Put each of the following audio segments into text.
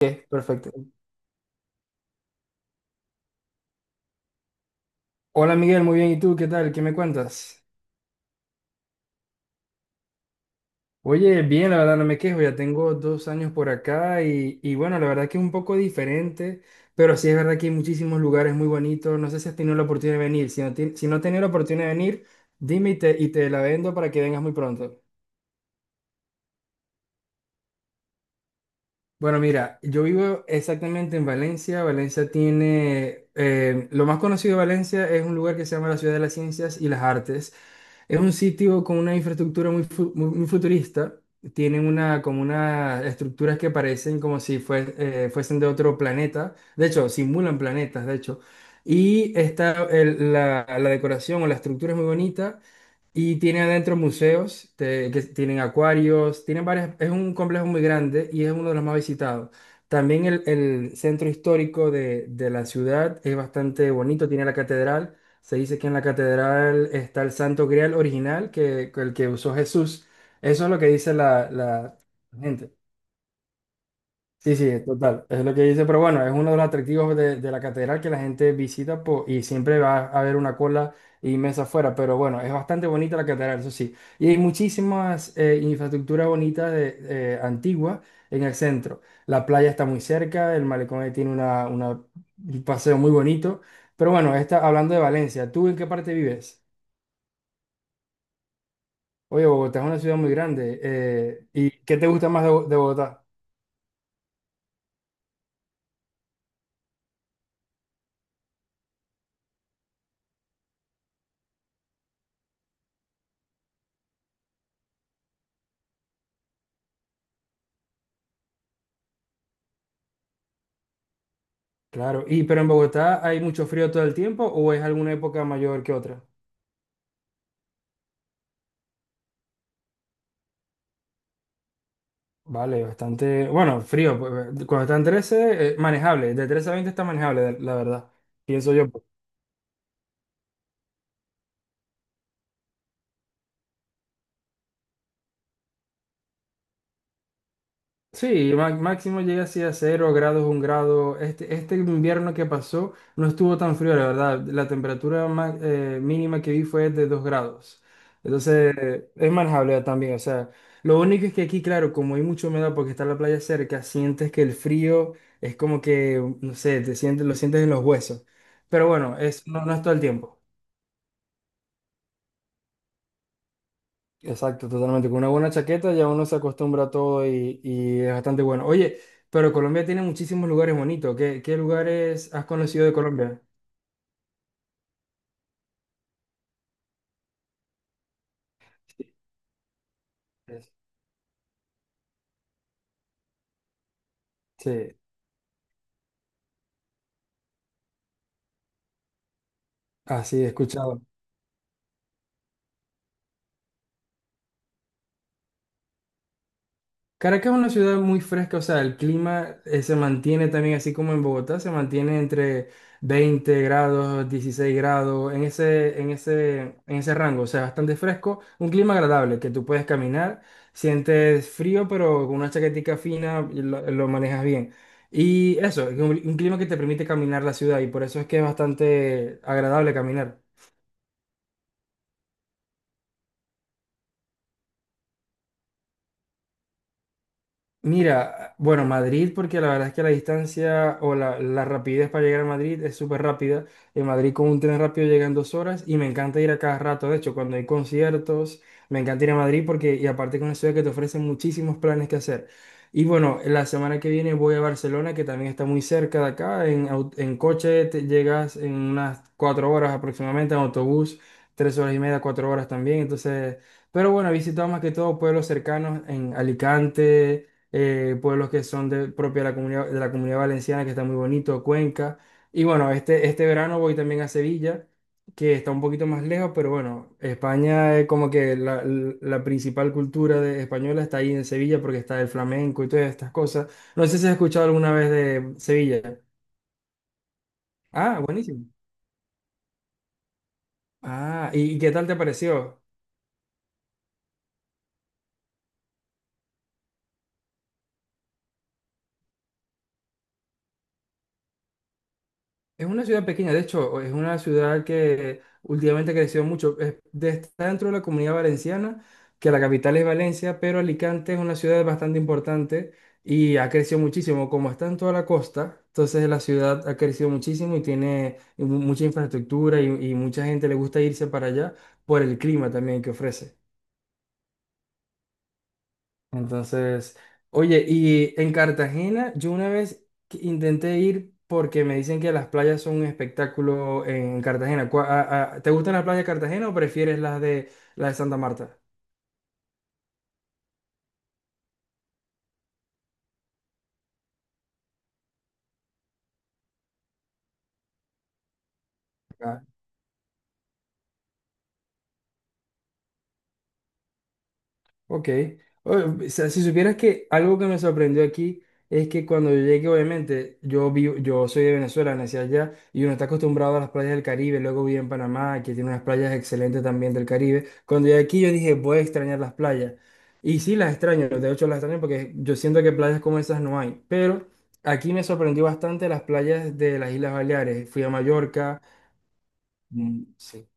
Ok, perfecto. Hola Miguel, muy bien. ¿Y tú qué tal? ¿Qué me cuentas? Oye, bien, la verdad no me quejo. Ya tengo 2 años por acá y bueno, la verdad que es un poco diferente, pero sí es verdad que hay muchísimos lugares muy bonitos. No sé si has tenido la oportunidad de venir. Si no, si no has tenido la oportunidad de venir, dime y te la vendo para que vengas muy pronto. Bueno, mira, yo vivo exactamente en Valencia. Valencia tiene, lo más conocido de Valencia es un lugar que se llama la Ciudad de las Ciencias y las Artes. Es un sitio con una infraestructura muy futurista. Tienen una, como unas estructuras que parecen como si fuesen de otro planeta. De hecho, simulan planetas, de hecho. Y está la decoración o la estructura es muy bonita. Y tiene adentro museos, que tienen acuarios, tienen varias, es un complejo muy grande y es uno de los más visitados. También el centro histórico de la ciudad es bastante bonito, tiene la catedral. Se dice que en la catedral está el Santo Grial original, que el que usó Jesús. Eso es lo que dice la gente. Sí, sí, total, es lo que dice, pero bueno, es uno de los atractivos de la catedral que la gente visita y siempre va a haber una cola inmensa afuera, pero bueno, es bastante bonita la catedral, eso sí, y hay muchísimas infraestructuras bonitas antiguas en el centro, la playa está muy cerca, el malecón ahí tiene un paseo muy bonito, pero bueno, está hablando de Valencia, ¿tú en qué parte vives? Oye, Bogotá es una ciudad muy grande, ¿y qué te gusta más de de Bogotá? Claro, y pero en Bogotá, ¿hay mucho frío todo el tiempo o es alguna época mayor que otra? Vale, bastante, bueno, frío, pues, cuando están 13, manejable, de 13 a 20 está manejable, la verdad, pienso yo. Pues. Sí, máximo llega así a 0 grados, 1 grado. Este invierno que pasó no estuvo tan frío, la verdad. La temperatura mínima que vi fue de 2 grados. Entonces, es manejable también. O sea, lo único es que aquí, claro, como hay mucha humedad porque está la playa cerca, sientes que el frío es como que, no sé, te sientes, lo sientes en los huesos. Pero bueno, es, no, no es todo el tiempo. Exacto, totalmente. Con una buena chaqueta ya uno se acostumbra a todo y es bastante bueno. Oye, pero Colombia tiene muchísimos lugares bonitos. ¿Qué lugares has conocido de Colombia? Sí, sí, así he escuchado. Caracas es una ciudad muy fresca, o sea, el clima se mantiene también así como en Bogotá, se mantiene entre 20 grados, 16 grados, en ese rango, o sea, bastante fresco, un clima agradable que tú puedes caminar, sientes frío, pero con una chaquetica fina y lo manejas bien. Y eso, es un clima que te permite caminar la ciudad y por eso es que es bastante agradable caminar. Mira, bueno, Madrid, porque la verdad es que la distancia la rapidez para llegar a Madrid es súper rápida. En Madrid con un tren rápido llegan 2 horas y me encanta ir a cada rato. De hecho, cuando hay conciertos, me encanta ir a Madrid porque, y aparte con una ciudad que te ofrece muchísimos planes que hacer. Y bueno, la semana que viene voy a Barcelona, que también está muy cerca de acá. En coche te llegas en unas 4 horas aproximadamente, en autobús, 3 horas y media, 4 horas también. Entonces, pero bueno, he visitado más que todo pueblos cercanos en Alicante, pueblos que son propia de la comunidad valenciana, que está muy bonito, Cuenca. Y bueno, este verano voy también a Sevilla, que está un poquito más lejos, pero bueno, España es como que la principal cultura española está ahí en Sevilla porque está el flamenco y todas estas cosas. No sé si has escuchado alguna vez de Sevilla. Ah, buenísimo. Ah, ¿y qué tal te pareció? Es una ciudad pequeña, de hecho, es una ciudad que últimamente creció mucho. Está dentro de la comunidad valenciana, que la capital es Valencia, pero Alicante es una ciudad bastante importante y ha crecido muchísimo. Como está en toda la costa, entonces la ciudad ha crecido muchísimo y tiene mucha infraestructura y mucha gente le gusta irse para allá por el clima también que ofrece. Entonces, oye, y en Cartagena yo una vez que intenté ir porque me dicen que las playas son un espectáculo en Cartagena. ¿Te gustan las playas de Cartagena o prefieres las de Santa Marta? Ok. O o sea, si supieras que algo que me sorprendió aquí es que cuando yo llegué, obviamente, yo vivo, yo soy de Venezuela, nací allá, y uno está acostumbrado a las playas del Caribe, luego viví en Panamá, que tiene unas playas excelentes también del Caribe. Cuando llegué aquí yo dije, voy a extrañar las playas. Y sí las extraño, de hecho las extraño porque yo siento que playas como esas no hay. Pero aquí me sorprendió bastante las playas de las Islas Baleares. Fui a Mallorca. Mm, sí.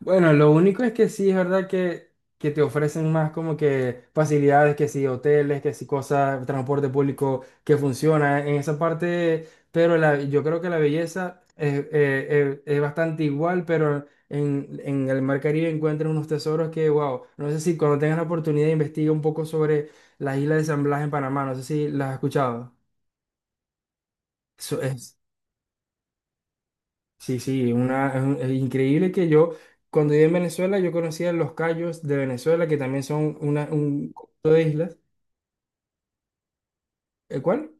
Bueno, lo único es que sí es verdad que te ofrecen más como que facilidades, que sí, hoteles, que sí, cosas, transporte público que funciona en esa parte, pero yo creo que la belleza es bastante igual, pero en el Mar Caribe encuentran unos tesoros que, wow, no sé si cuando tengas la oportunidad investiga un poco sobre la isla de San Blas en Panamá, no sé si las has escuchado. Eso es. Sí, sí, es increíble que yo, cuando viví en Venezuela, yo conocía los cayos de Venezuela, que también son un conjunto de islas. ¿El cuál?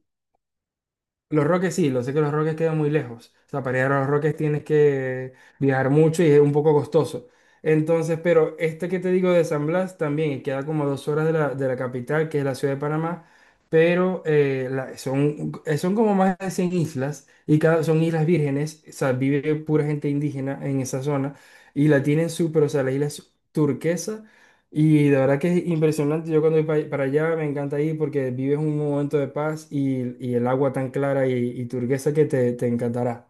Los Roques sí, lo sé que los Roques quedan muy lejos. O sea, para ir a los Roques tienes que viajar mucho y es un poco costoso. Entonces, pero este que te digo de San Blas también y queda como a 2 horas de la capital, que es la ciudad de Panamá, pero son como más de 100 islas y son islas vírgenes, o sea, vive pura gente indígena en esa zona y la tienen súper, o sea, la isla es turquesa y de verdad que es impresionante. Yo cuando voy para allá me encanta ir porque vives un momento de paz y el agua tan clara y turquesa que te encantará.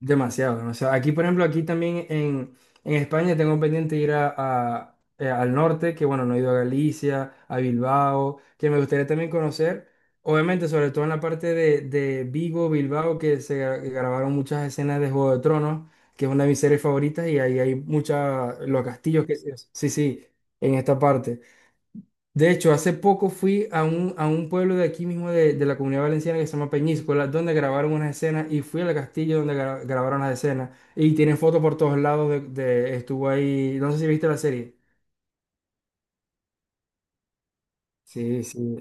Demasiado, demasiado. Aquí, por ejemplo, aquí también en España tengo pendiente ir al norte, que bueno, no he ido a Galicia, a Bilbao, que me gustaría también conocer. Obviamente, sobre todo en la parte de Vigo, Bilbao, que se grabaron muchas escenas de Juego de Tronos, que es una de mis series favoritas, y ahí hay muchas, los castillos que... Sí, sí, en esta parte. De hecho, hace poco fui a un pueblo de aquí mismo de la Comunidad Valenciana que se llama Peñíscola, donde grabaron unas escenas y fui al castillo donde grabaron las escenas y tienen fotos por todos lados estuvo ahí, no sé si viste la serie. Sí, sí.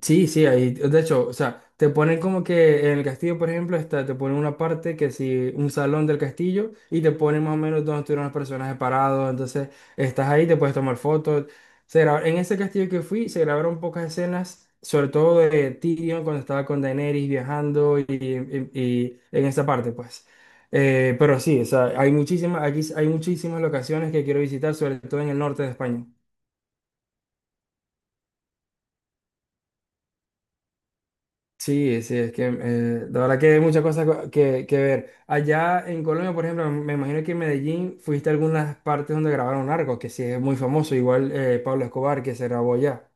Sí, sí, ahí, de hecho, o sea, te ponen como que en el castillo, por ejemplo, está, te ponen una parte que si un salón del castillo y te ponen más o menos donde estuvieron los personajes parados, entonces estás ahí, te puedes tomar fotos. En ese castillo que fui se grabaron pocas escenas, sobre todo de Tyrion cuando estaba con Daenerys viajando y en esa parte, pues. Pero sí, o sea, hay muchísimas, aquí hay muchísimas locaciones que quiero visitar, sobre todo en el norte de España. Sí, sí, es que la verdad que hay muchas cosas que ver. Allá en Colombia, por ejemplo, me imagino que en Medellín fuiste a algunas partes donde grabaron Narcos, que sí es muy famoso, igual Pablo Escobar, que se grabó allá.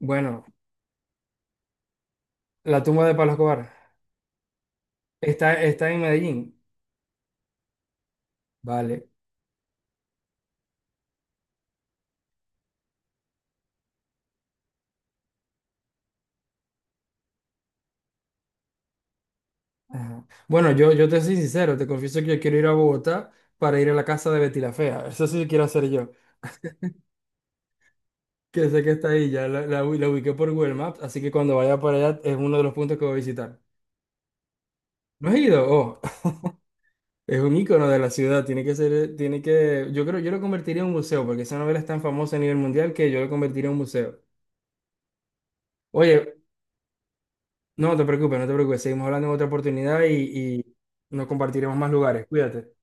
Bueno, la tumba de Pablo Escobar está en Medellín. Vale. Ajá. Bueno, yo te soy sincero, te confieso que yo quiero ir a Bogotá para ir a la casa de Betty la Fea. Eso sí quiero hacer yo, que sé que está ahí, ya la ubiqué por Google Maps, así que cuando vaya para allá es uno de los puntos que voy a visitar. ¿No has ido? Oh. Es un icono de la ciudad, tiene que ser, tiene que, yo creo, yo lo convertiría en un museo, porque esa novela es tan famosa a nivel mundial que yo lo convertiría en un museo. Oye, no te preocupes, no te preocupes, seguimos hablando en otra oportunidad y nos compartiremos más lugares. Cuídate.